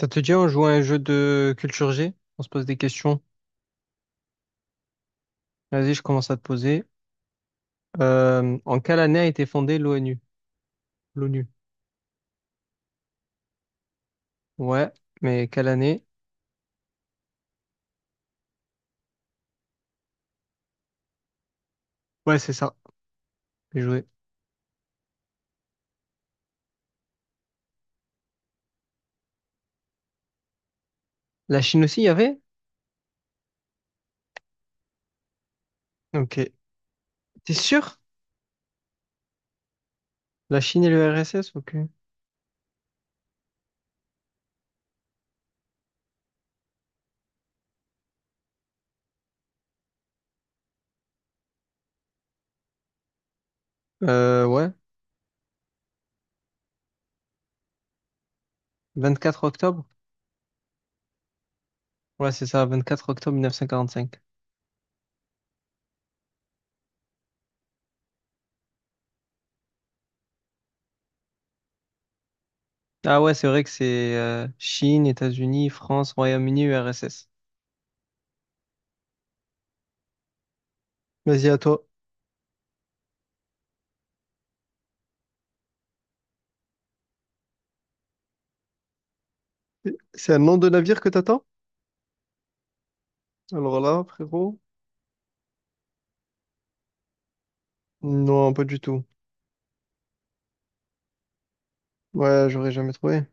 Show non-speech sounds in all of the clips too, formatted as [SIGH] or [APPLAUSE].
Ça te dit, on joue à un jeu de culture G? On se pose des questions. Vas-y, je commence à te poser. En quelle année a été fondée l'ONU? L'ONU. Ouais, mais quelle année? Ouais, c'est ça. J'ai joué. La Chine aussi, il y avait? Ok. T'es sûr? La Chine et le RSS, ok. Ouais. Quatre octobre? Ouais, c'est ça, vingt-quatre octobre 1945. Ah ouais, c'est vrai que c'est Chine, États-Unis, France, Royaume-Uni, URSS. Vas-y, à toi. C'est un nom de navire que t'attends? Alors là, frérot? Non, pas du tout. Ouais, j'aurais jamais trouvé.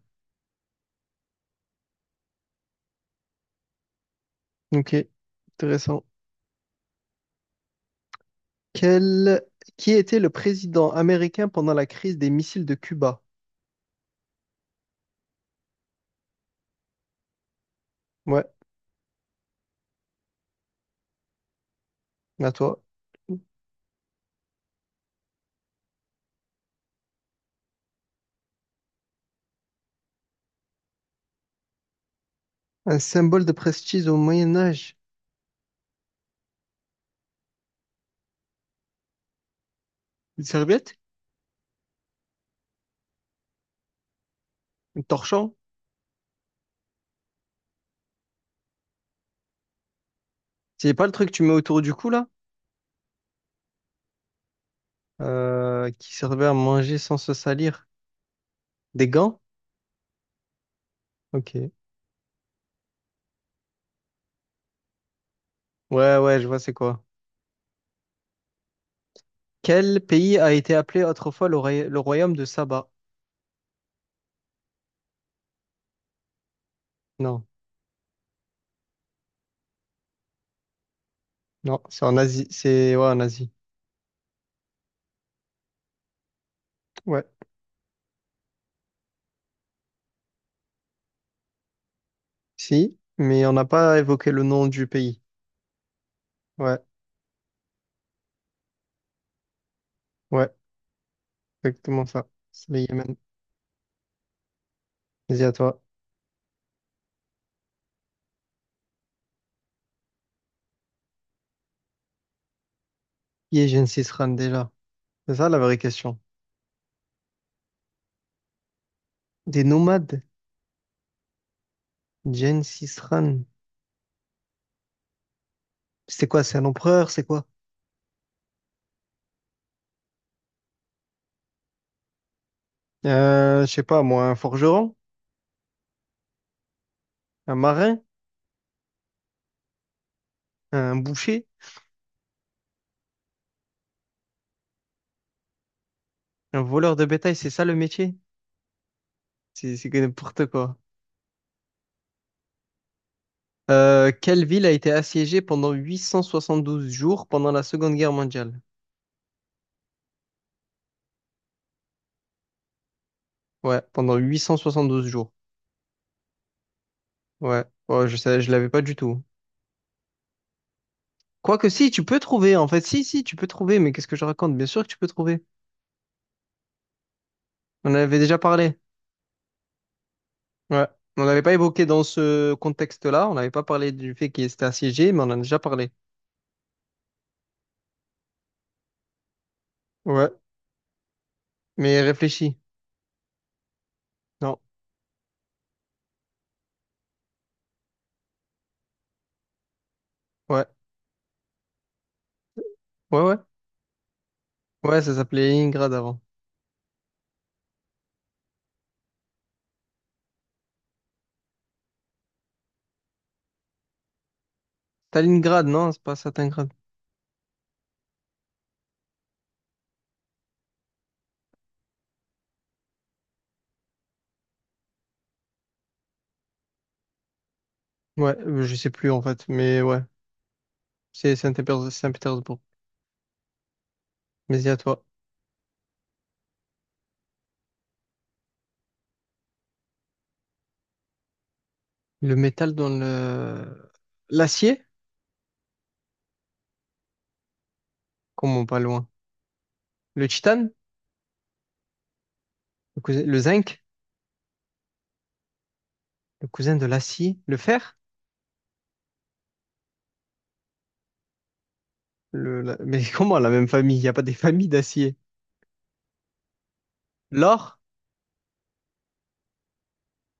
Ok, intéressant. Quel... Qui était le président américain pendant la crise des missiles de Cuba? Ouais, à toi. Un symbole de prestige au Moyen Âge. Une serviette? Un torchon? C'est pas le truc que tu mets autour du cou là? Qui servait à manger sans se salir. Des gants? Ok. Ouais, ouais, je vois c'est quoi. Quel pays a été appelé autrefois le, le royaume de Saba? Non, non, c'est en Asie. C'est ouais, en Asie. Ouais. Si, mais on n'a pas évoqué le nom du pays. Ouais, ouais, exactement ça. C'est le Yémen. Vas-y à toi. Qui est Gengis Khan déjà? C'est ça la vraie question. Des nomades? Gengis Khan. C'est quoi? C'est un empereur? C'est quoi? Je sais pas, moi, un forgeron? Un marin? Un boucher? Un voleur de bétail? C'est ça le métier? C'est que n'importe quoi. Quelle ville a été assiégée pendant 872 jours pendant la Seconde Guerre mondiale? Ouais, pendant 872 jours. Ouais, ouais, je sais, je l'avais pas du tout. Quoique si, tu peux trouver, en fait, si, tu peux trouver, mais qu'est-ce que je raconte? Bien sûr que tu peux trouver. On en avait déjà parlé. Ouais. On n'avait pas évoqué dans ce contexte-là, on n'avait pas parlé du fait qu'il était assiégé, mais on en a déjà parlé. Ouais. Mais réfléchis. Non. Ouais. Ouais, ouais. Ouais, ça s'appelait Leningrad avant. Stalingrad, non, c'est pas Stalingrad. Ouais, je sais plus en fait, mais ouais. C'est Saint-Pétersbourg. Saint-Pétersbourg. Mais dis à toi. Le métal dans le... L'acier? Comment pas loin? Le titane? Le zinc? Le cousin de l'acier? Le fer? [LAUGHS] Mais comment la même famille? Il n'y a pas des familles d'acier. L'or,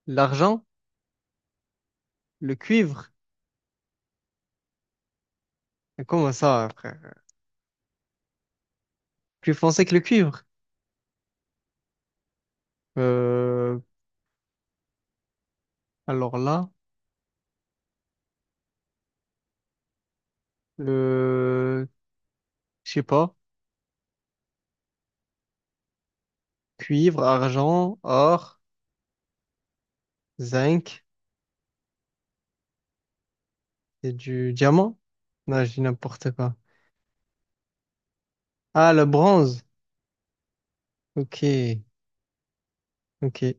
l'argent, le cuivre. Mais comment ça, frère? Plus foncé que le cuivre. Euh, alors là, le, je sais pas, cuivre, argent, or, zinc et du diamant. Non, je dis n'importe quoi. Ah, le bronze. Ok, ok.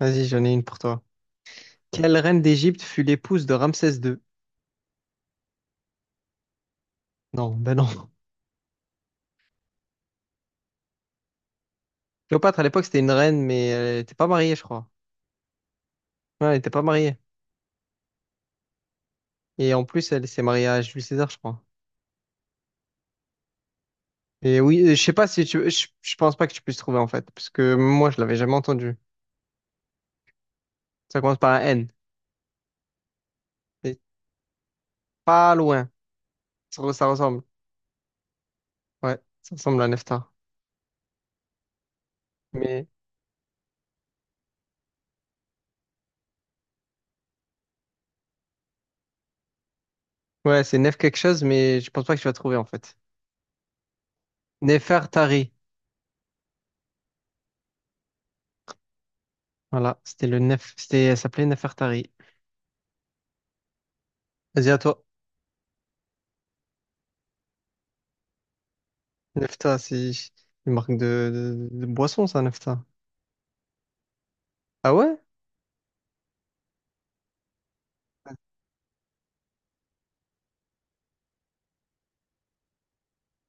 Vas-y, j'en ai une pour toi. Quelle reine d'Égypte fut l'épouse de Ramsès II? Non, ben non. [LAUGHS] Cléopâtre, à l'époque, c'était une reine, mais elle n'était pas mariée, je crois. Ouais, elle n'était pas mariée. Et en plus, elle s'est mariée à Jules César, je crois. Et oui, je sais pas si tu... Je pense pas que tu puisses trouver, en fait. Parce que moi, je l'avais jamais entendu. Ça commence par un N. Mais pas loin. Ça, ça ressemble. Ouais, ça ressemble à Neftar. Mais... Ouais, c'est Nef quelque chose, mais je pense pas que tu vas trouver, en fait. Nefertari. Voilà, c'était le Nef... C'était... Elle s'appelait Nefertari. Vas-y, à toi. Nefta, c'est une marque de boisson, ça, Nefta. Ah ouais?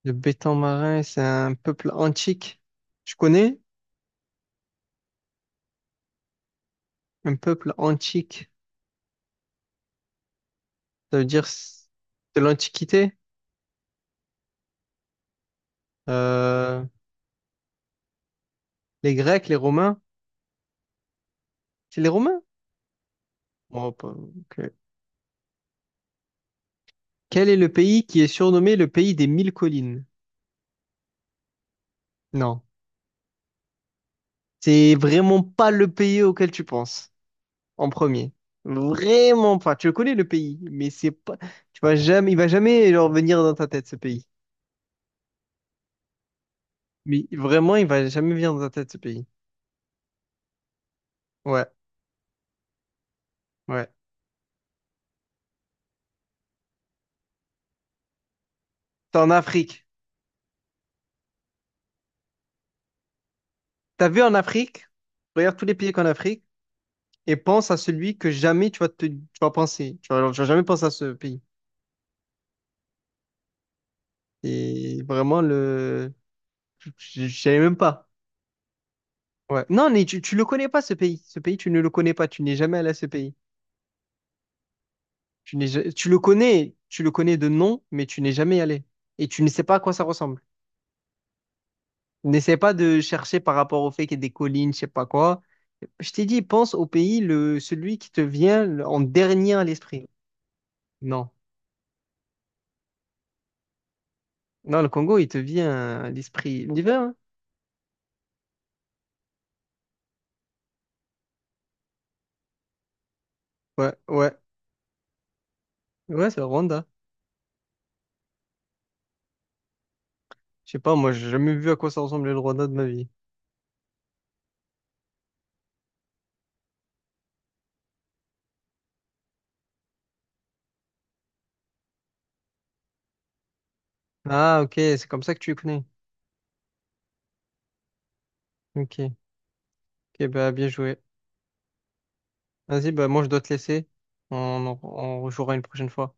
Le béton marin, c'est un peuple antique. Je connais un peuple antique. Ça veut dire de l'Antiquité? Euh, les Grecs, les Romains? C'est les Romains? Bon, ok. Quel est le pays qui est surnommé le pays des mille collines? Non. C'est vraiment pas le pays auquel tu penses en premier. Vraiment pas. Tu le connais le pays, mais c'est pas. Tu vas jamais, il va jamais genre, venir dans ta tête ce pays. Mais vraiment, il va jamais venir dans ta tête ce pays. Ouais, ouais. T'es en Afrique. T'as vu en Afrique? Regarde tous les pays qu'en Afrique. Et pense à celui que jamais tu vas penser. Tu vas jamais penser à ce pays. Et vraiment, le, je je savais même pas. Ouais. Non, mais tu le connais pas, ce pays. Ce pays, tu ne le connais pas. Tu n'es jamais allé à ce pays. Tu n'es, tu le connais de nom, mais tu n'es jamais allé. Et tu ne sais pas à quoi ça ressemble. N'essaie pas de chercher par rapport au fait qu'il y ait des collines, je sais pas quoi. Je t'ai dit, pense au pays, le, celui qui te vient en dernier à l'esprit. Non. Non, le Congo, il te vient à l'esprit. L'hiver, hein? Ouais, ouais. Ouais, c'est le Rwanda. Je sais pas, moi, j'ai jamais vu à quoi ça ressemblait le Rwanda de ma vie. Ah, ok, c'est comme ça que tu connais. Ok, ok, bah, bien joué. Vas-y, bah, moi, je dois te laisser. On, on, on rejouera une prochaine fois.